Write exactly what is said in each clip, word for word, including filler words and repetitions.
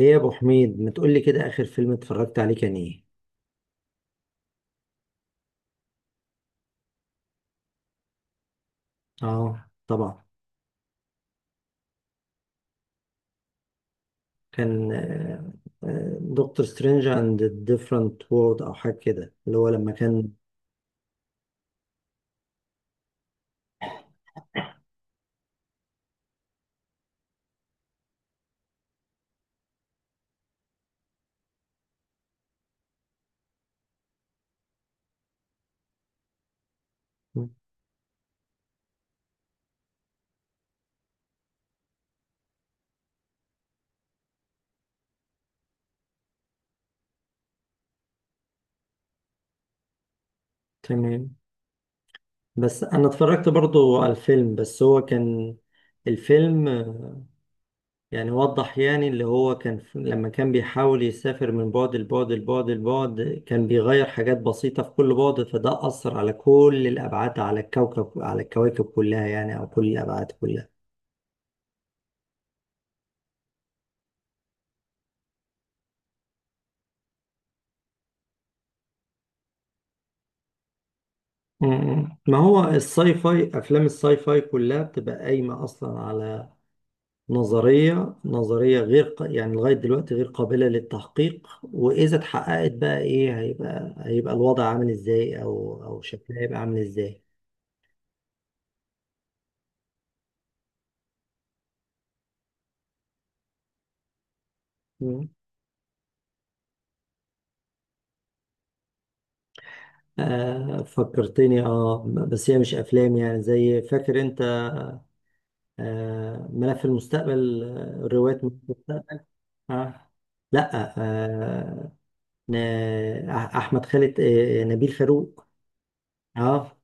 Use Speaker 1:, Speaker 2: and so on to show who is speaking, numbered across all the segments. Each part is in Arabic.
Speaker 1: ايه يا ابو حميد ما تقول لي كده، اخر فيلم اتفرجت عليه كان ايه؟ اه طبعا. كان دكتور سترينج اند ديفرنت وورد او حاجه كده اللي هو لما كان. تمام. بس انا اتفرجت برضو على الفيلم، بس هو كان الفيلم آه، يعني وضح يعني اللي هو كان في- لما كان بيحاول يسافر من بعد لبعد لبعد لبعد، كان بيغير حاجات بسيطة في كل بعد، فده أثر على كل الأبعاد، على الكوكب، على الكواكب كلها يعني، أو كل الأبعاد كلها. مم. ما هو الساي فاي، افلام الساي فاي كلها بتبقى قايمه اصلا على نظريه نظريه غير ق- يعني لغايه دلوقتي غير قابله للتحقيق، واذا اتحققت بقى ايه، هيبقى هيبقى الوضع عامل ازاي، او او شكلها هيبقى عامل ازاي. مم. آه فكرتني، اه بس هي مش افلام، يعني زي، فاكر انت آه ملف المستقبل، آه، روايات ملف المستقبل. آه لا آه. ن- أح- احمد خالد، آه نبيل فاروق. اه.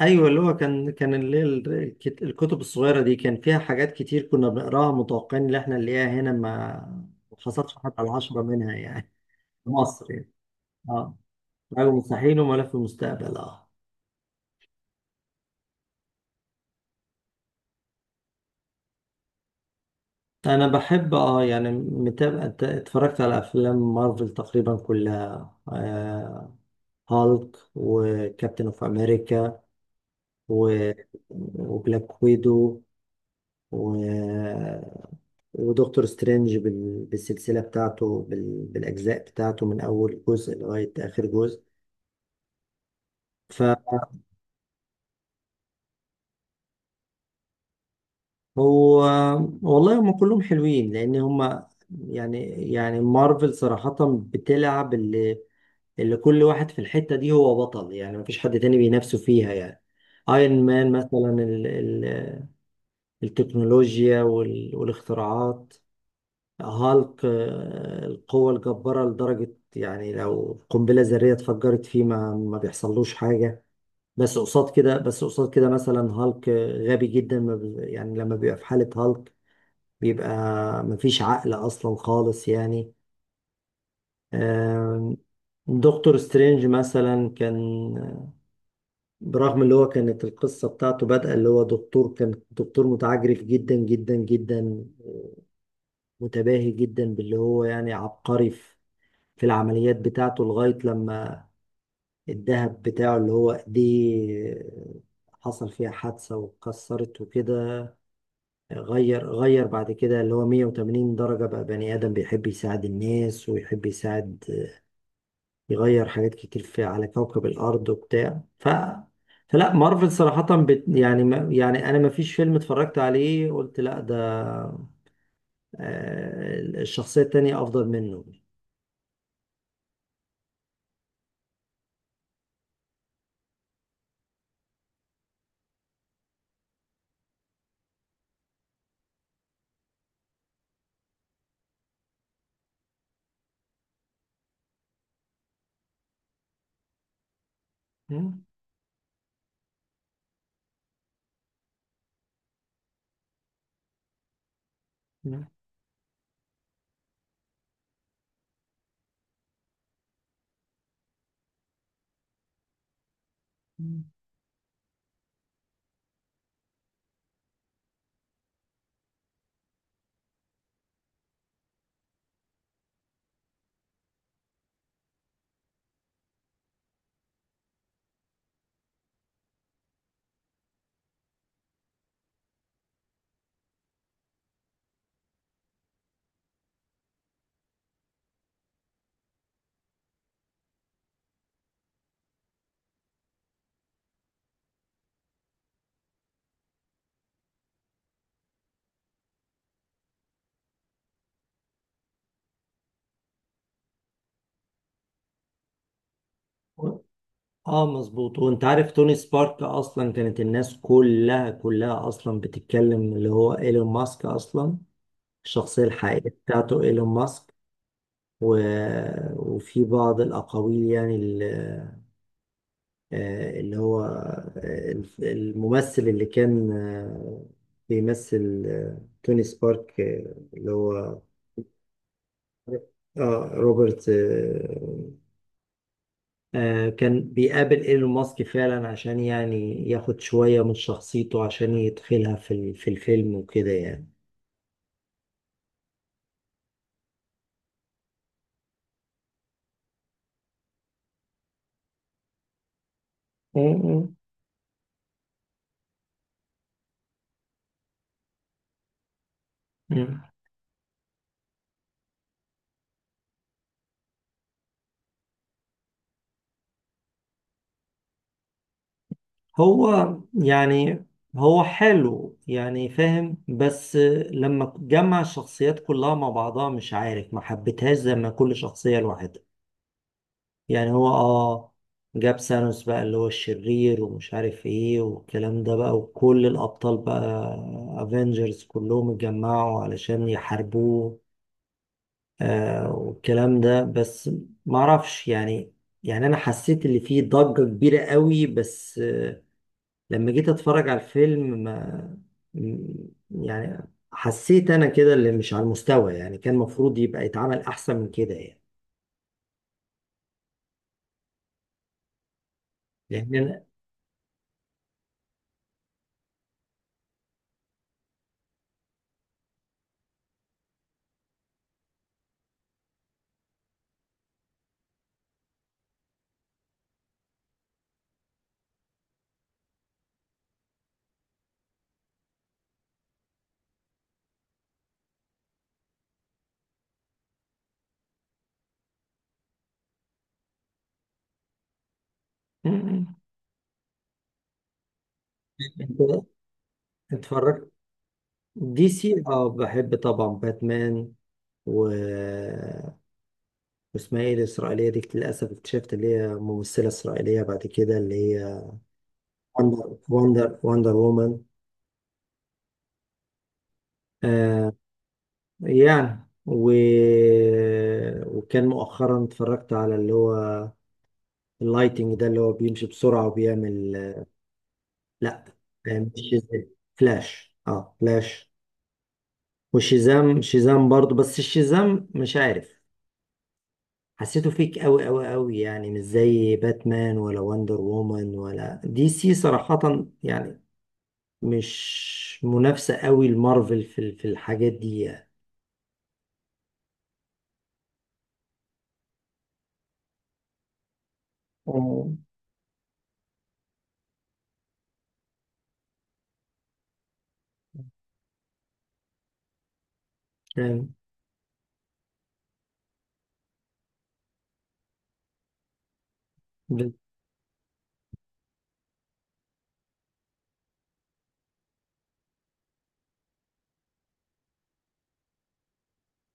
Speaker 1: ايوه اللي هو كان، كان اللي هي ال- الكت- الكتب الصغيره دي كان فيها حاجات كتير كنا بنقراها متوقعين ان احنا نلاقيها هنا، ما ما حصلش حتى العشرة منها يعني. في مصر يعني. اه، رجل مستحيل وملف المستقبل، اه. انا بحب، اه يعني متابع، ت- اتفرجت على افلام مارفل تقريبا كلها، آه، هالك وكابتن اوف امريكا و... وبلاك ويدو، و ودكتور سترينج بال- بالسلسلة بتاعته بال- بالأجزاء بتاعته من أول جزء لغاية آخر جزء. فهو، والله هم كلهم حلوين، لأن هم يعني، يعني مارفل صراحة بتلعب اللي، اللي كل واحد في الحتة دي هو بطل يعني، مفيش حد تاني بينافسه فيها يعني. ايرون مان مثلا، ال ال التكنولوجيا وال- والاختراعات. هالك آه، القوة الجبارة لدرجة يعني لو قنبلة ذرية اتفجرت فيه ما ما بيحصلوش حاجة. بس قصاد كده، بس قصاد كده مثلا هالك غبي جدا، ما بي- يعني لما بيبقى في حالة هالك بيبقى مفيش عقل أصلا خالص يعني. آم، دكتور سترينج مثلا كان، برغم اللي هو كانت القصة بتاعته بادئة اللي هو دكتور، كان دكتور متعجرف جدا جدا جدا، متباهي جدا باللي هو يعني عبقري في العمليات بتاعته، لغاية لما الدهب بتاعه اللي هو دي حصل فيها حادثة واتكسرت وكده، غير غير بعد كده اللي هو مية وتمانين درجة، بقى بني آدم بيحب يساعد الناس ويحب يساعد، يغير حاجات كتير في، على كوكب الأرض وبتاع، ف فلا مارفل صراحة، بت يعني، ما يعني أنا ما فيش فيلم اتفرجت عليه قلت لا ده آه، الشخصية التانية أفضل منه. اه مظبوط، وانت عارف توني سبارك اصلا كانت الناس كلها كلها اصلا بتتكلم اللي هو ايلون ماسك اصلا الشخصية الحقيقية بتاعته ايلون ماسك. و... وفي بعض الاقاويل يعني، ال- آه، اللي هو آه، الممثل اللي كان، آه، بيمثل آه، توني سبارك، آه، اللي هو، اه روبرت، آه، آه، كان بيقابل ايلون ماسك فعلا عشان يعني ياخد شوية من شخصيته عشان يدخلها في ال- في الفيلم وكده يعني. مم. مم. هو يعني، هو حلو يعني فاهم، بس لما جمع الشخصيات كلها مع بعضها مش عارف، ما حبيتهاش زي ما كل شخصية لوحدها يعني. هو اه جاب سانوس بقى اللي هو الشرير ومش عارف ايه والكلام ده بقى، وكل الأبطال بقى افنجرز كلهم اتجمعوا علشان يحاربوه آه والكلام ده، بس معرفش يعني. يعني انا حسيت اللي فيه ضجة كبيرة قوي، بس آه لما جيت اتفرج على الفيلم، ما م- يعني حسيت انا كده اللي مش على المستوى يعني، كان المفروض يبقى يتعمل احسن من كده يعني. لان انا، م- م. انت اتفرجت دي سي؟ اه بحب طبعا باتمان، و واسمها ايه الاسرائيليه دي، للاسف اكتشفت اللي هي ممثله اسرائيليه بعد كده اللي هي وندر وندر وندر وومن، آه. يعني و... وكان مؤخرا اتفرجت على اللي هو اللايتنج ده اللي هو بيمشي بسرعة وبيعمل، لا، آه، مش شازام، فلاش، اه فلاش. وشازام، شازام برضه بس الشازام مش عارف، حسيته فيك قوي قوي قوي يعني، مش زي باتمان ولا وندر وومن، ولا دي سي صراحة يعني مش منافسة قوي لمارفل في في الحاجات دي يعني. مم. فاهم.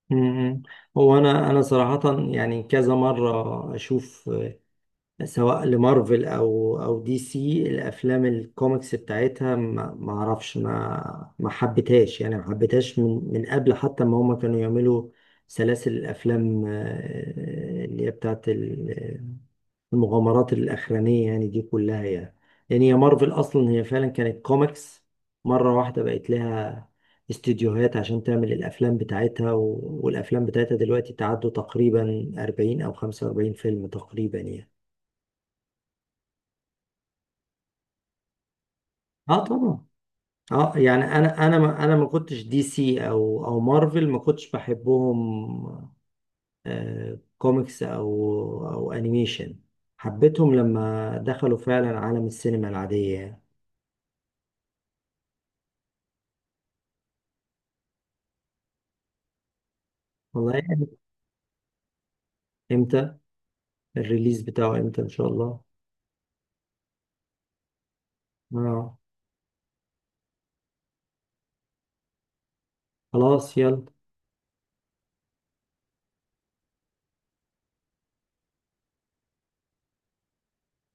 Speaker 1: مم. هو انا، انا صراحه يعني كذا مره اشوف آه، سواء لمارفل او او دي سي، الافلام الكوميكس بتاعتها ما ما اعرفش، ما ما حبيتهاش يعني، ما حبيتهاش من من قبل حتى ما هم كانوا يعملوا سلاسل الافلام، آه، اللي هي بتاعت المغامرات الأخرانية يعني دي كلها يعني. يعني هي مارفل أصلا هي فعلا كانت كوميكس، مرة واحدة بقت لها استديوهات عشان تعمل الأفلام بتاعتها، و... والأفلام بتاعتها دلوقتي تعدوا تقريبا أربعين أو خمسة وأربعين فيلم تقريبا يعني. اه طبعا. اه يعني، انا انا ما انا ما كنتش دي سي او او مارفل ما كنتش بحبهم، آه كوميكس او او انيميشن، حبيتهم لما دخلوا فعلا عالم السينما العادية يعني. والله انت الريليز بتاعه امتى ان شاء الله؟ اه. خلاص يلا.